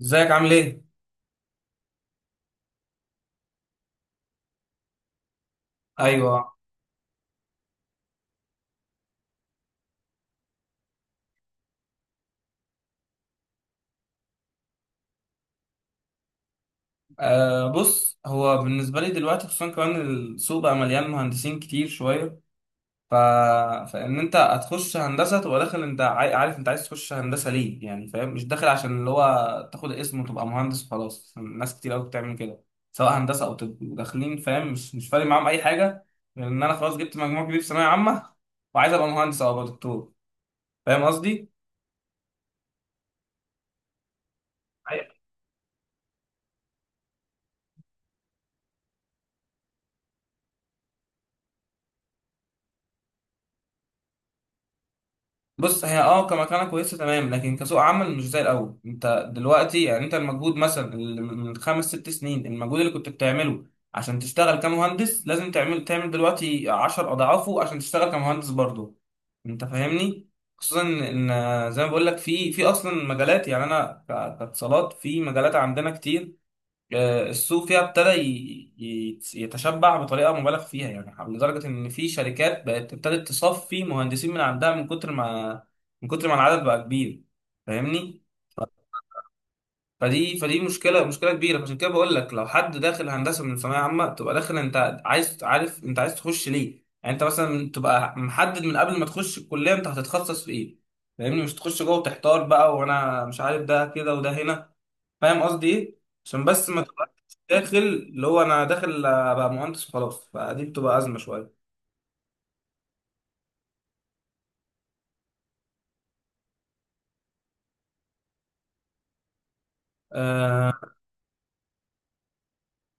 ازيك عامل ايه؟ ايوه. بص، هو بالنسبه لي دلوقتي خصوصا كمان السوق بقى مليان مهندسين كتير شويه. ف... فان انت هتخش هندسه تبقى داخل، انت عارف انت عايز تخش هندسه ليه، يعني فاهم، مش داخل عشان اللي هو تاخد اسم وتبقى مهندس وخلاص. ناس كتير قوي بتعمل كده، سواء هندسه او طب، داخلين فاهم؟ مش فارق معاهم اي حاجه، غير ان انا خلاص جبت مجموع كبير في ثانويه عامه وعايز ابقى مهندس او ابقى دكتور. فاهم قصدي؟ بص هي اه كمكانة كويسة تمام، لكن كسوق عمل مش زي الأول. أنت دلوقتي يعني أنت المجهود مثلا اللي من خمس ست سنين المجهود اللي كنت بتعمله عشان تشتغل كمهندس، لازم تعمل دلوقتي عشر أضعافه عشان تشتغل كمهندس برضه. أنت فاهمني؟ خصوصا إن زي ما بقول لك في أصلا مجالات، يعني أنا كاتصالات في مجالات عندنا كتير. آه، السوق فيها ابتدى يتشبع بطريقه مبالغ فيها، يعني لدرجه ان في شركات بقت ابتدت تصفي مهندسين من عندها من كتر ما، من كتر ما العدد بقى كبير. فاهمني؟ فدي مشكله كبيره. عشان كده بقول لك لو حد داخل هندسه من ثانويه عامه، تبقى داخل انت عايز عارف انت عايز تخش ليه، يعني انت مثلا تبقى محدد من قبل ما تخش الكليه انت هتتخصص في ايه. فاهمني؟ مش تخش جوه وتحتار بقى وانا مش عارف ده كده وده هنا. فاهم قصدي ايه؟ عشان بس ما تبقاش داخل اللي هو انا داخل ابقى مهندس وخلاص، فدي بتبقى ازمه شويه. آه،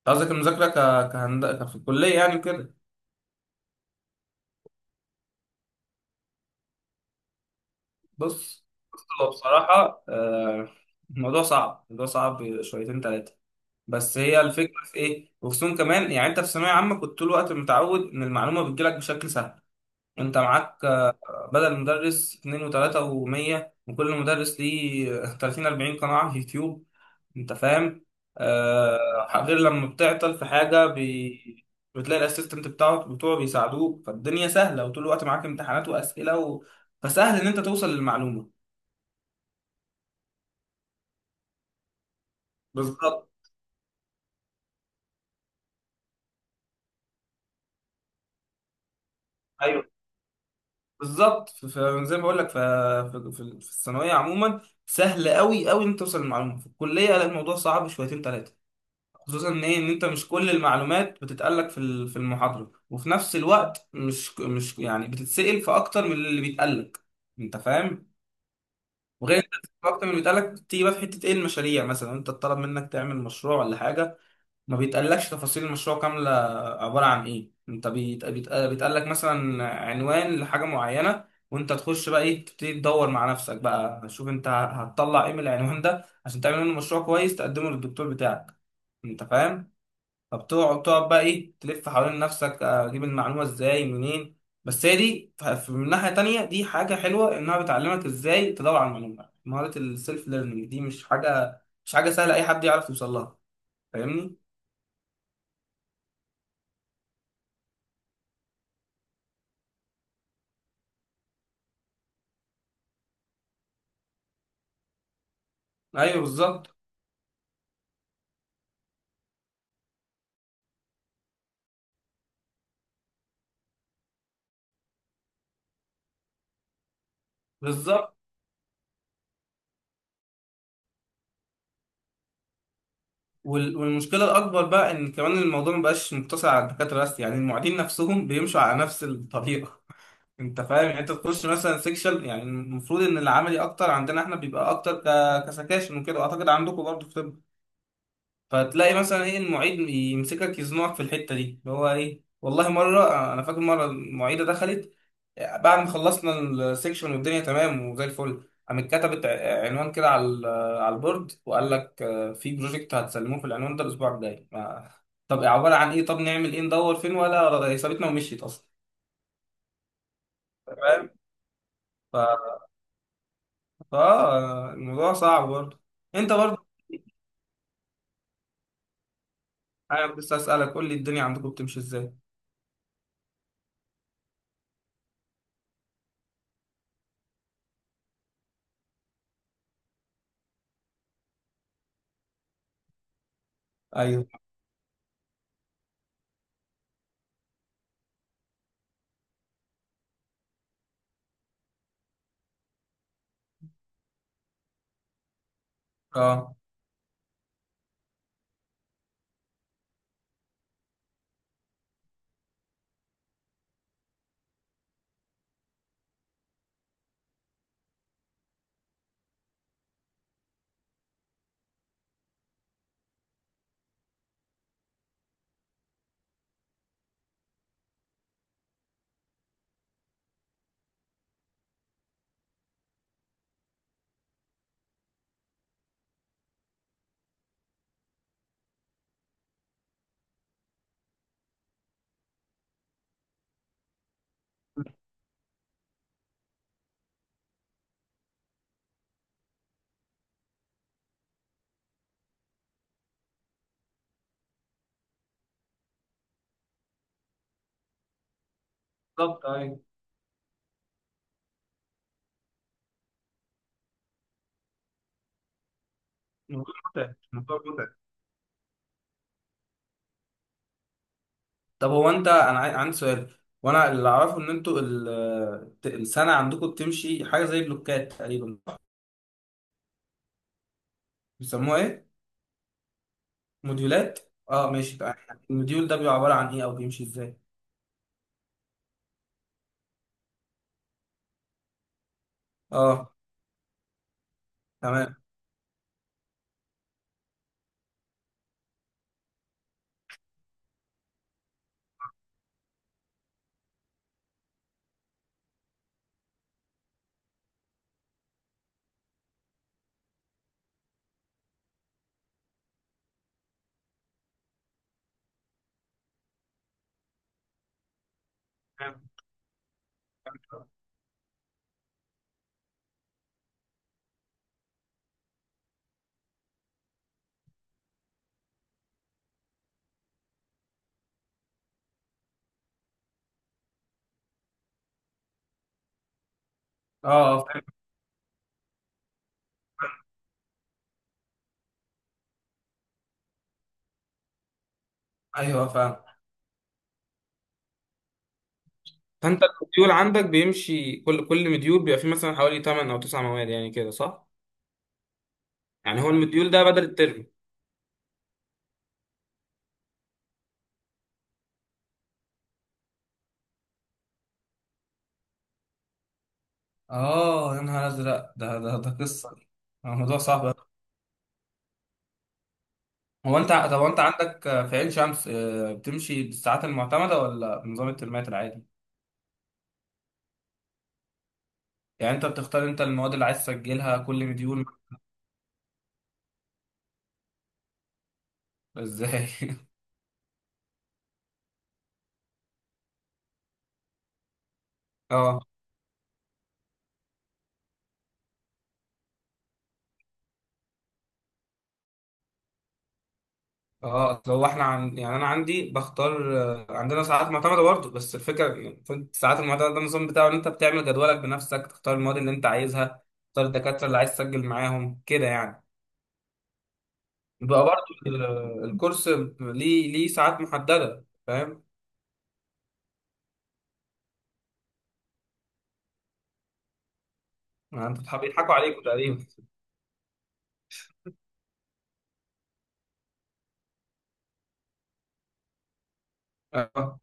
قصدك المذاكره في الكليه يعني كده؟ بص بص هو بصراحه آه، الموضوع صعب، الموضوع صعب شويتين ثلاثه، بس هي الفكره في ايه. وخصوصا كمان يعني انت في ثانويه عامه كنت طول الوقت متعود ان المعلومه بتجيلك بشكل سهل. انت معاك آه، بدل مدرس اتنين وتلاتة ومية، وكل مدرس ليه 30 40 قناة على اليوتيوب. انت فاهم؟ آه غير لما بتعطل في حاجه بتلاقي الاسيستنت بتاعه بتوعه بيساعدوك، فالدنيا سهله وطول الوقت معاك امتحانات واسئله فسهل ان انت توصل للمعلومه. بالظبط. ايوه بالظبط. زي ما بقول لك ف... في في الثانويه عموما سهل قوي قوي ان انت توصل للمعلومه، في الكليه لا، الموضوع صعب شويتين ثلاثه. خصوصا ان ايه، ان انت مش كل المعلومات بتتقال لك في في المحاضره، وفي نفس الوقت مش يعني بتتسال في اكتر من اللي بيتقال لك. انت فاهم؟ وغير انت اكتر من بيتقال لك، تيجي بقى في حته ايه، المشاريع مثلا، انت اتطلب منك تعمل مشروع ولا حاجه، ما بيتقالكش تفاصيل المشروع كامله. عباره عن ايه، انت بيتقال لك مثلا عنوان لحاجه معينه، وانت تخش بقى ايه تبتدي تدور مع نفسك بقى، شوف انت هتطلع ايه من العنوان ده عشان تعمل منه مشروع كويس تقدمه للدكتور بتاعك. انت فاهم؟ فبتقعد بقى ايه تلف حوالين نفسك اجيب المعلومه ازاي منين. بس هي دي من ناحيه تانية دي حاجه حلوه انها بتعلمك ازاي تدور على المعلومه. مهاره السيلف ليرنينج دي مش حاجه، سهله اي حد يعرف يوصل لها. فاهمني؟ ايوه. بالظبط. والمشكله الاكبر بقى ان كمان الموضوع ما بقاش مقتصر على الدكاتره بس، يعني المعيدين نفسهم بيمشوا على نفس الطريقه. انت فاهم يعني، انت تخش مثلا سيكشن، يعني المفروض ان العملي اكتر عندنا احنا بيبقى اكتر كسكاشن وكده، اعتقد عندكم برضه في طب. فتلاقي مثلا ايه المعيد يمسكك يزنقك في الحته دي اللي هو ايه. والله مره انا فاكر مره المعيده دخلت بعد ما خلصنا السكشن والدنيا تمام وزي الفل، قامت كتبت عنوان كده على على البورد، وقال لك آه، في بروجكت هتسلموه في العنوان ده الاسبوع الجاي. طب عباره عن ايه، طب نعمل ايه، ندور فين، ولا سابتنا ومشيت اصلا. فاهم. ف... ف الموضوع صعب برضه. انت برضه، انا بس اسالك قول لي الدنيا عندكم بتمشي ازاي. ايوه. اه بالظبط. الموضوع متعب، الموضوع متعب. طب هو انت، انا عندي سؤال، وانا اللي اعرفه ان انتوا السنه عندكم بتمشي حاجه زي بلوكات تقريبا. بيسموها ايه؟ موديولات. اه ماشي بقى. الموديول ده بيبقى عباره عن ايه او بيمشي ازاي؟ اه. تمام. فاهم؟ اه فاهم. ايوه فاهم. فانت الموديول عندك بيمشي، كل موديول بيبقى فيه مثلا حوالي 8 او 9 مواد يعني، كده صح؟ يعني هو الموديول ده بدل الترم؟ اه يا نهار ازرق، ده قصه. الموضوع صعب. هو انت، طب هو انت عندك في عين شمس آه، بتمشي بالساعات المعتمدة ولا بنظام الترمات العادي؟ يعني انت بتختار انت المواد اللي عايز تسجلها كل مديول. ازاي؟ اه. اه اصل هو احنا يعني انا عندي بختار آه، عندنا ساعات معتمدة برضه، بس الفكرة يعني الساعات المعتمدة ده النظام بتاعه ان انت بتعمل جدولك بنفسك، تختار المواد اللي انت عايزها، تختار الدكاترة اللي عايز تسجل معاهم كده يعني. بقى برضه ال- الكورس ليه ساعات محددة، فاهم؟ يعني انتوا بيضحكوا عليكم تقريبا. اه.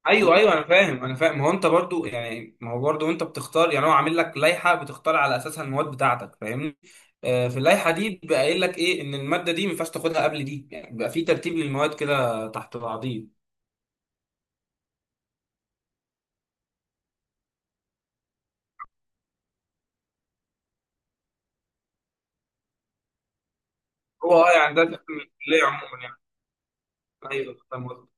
ايوه ايوه انا فاهم، انا فاهم. ما هو انت برضو يعني، ما هو برضو انت بتختار، يعني هو عامل لك لائحه بتختار على اساسها المواد بتاعتك. فاهمني؟ آه في اللائحه دي بيبقى قايل لك ايه، ان الماده دي ما ينفعش تاخدها قبل دي يعني، بيبقى في ترتيب للمواد كده تحت بعضيه. هو اه يعني ده تحت من الكليه عموما يعني. ايوه فاهم قصدك.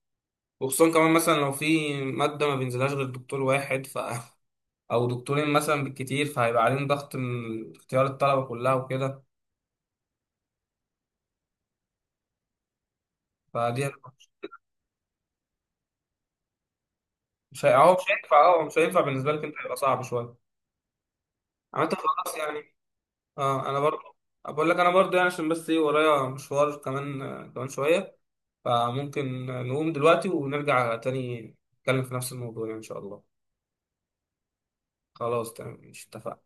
وخصوصا كمان مثلا لو في ماده ما بينزلهاش غير دكتور واحد ف او دكتورين مثلا بالكتير، فهيبقى عليهم ضغط من اختيار الطلبه كلها وكده. فدي هتبقى- مش هي- اهو مش هينفع. اه مش هينفع بالنسبه لك، انت هيبقى صعب شويه. عامة خلاص يعني. اه انا برضه، بقول لك انا برضه يعني، عشان بس ايه ورايا مشوار كمان آه، كمان شوية، فممكن نقوم دلوقتي ونرجع تاني نتكلم في نفس الموضوع يعني ان شاء الله. خلاص تمام، مش اتفقنا.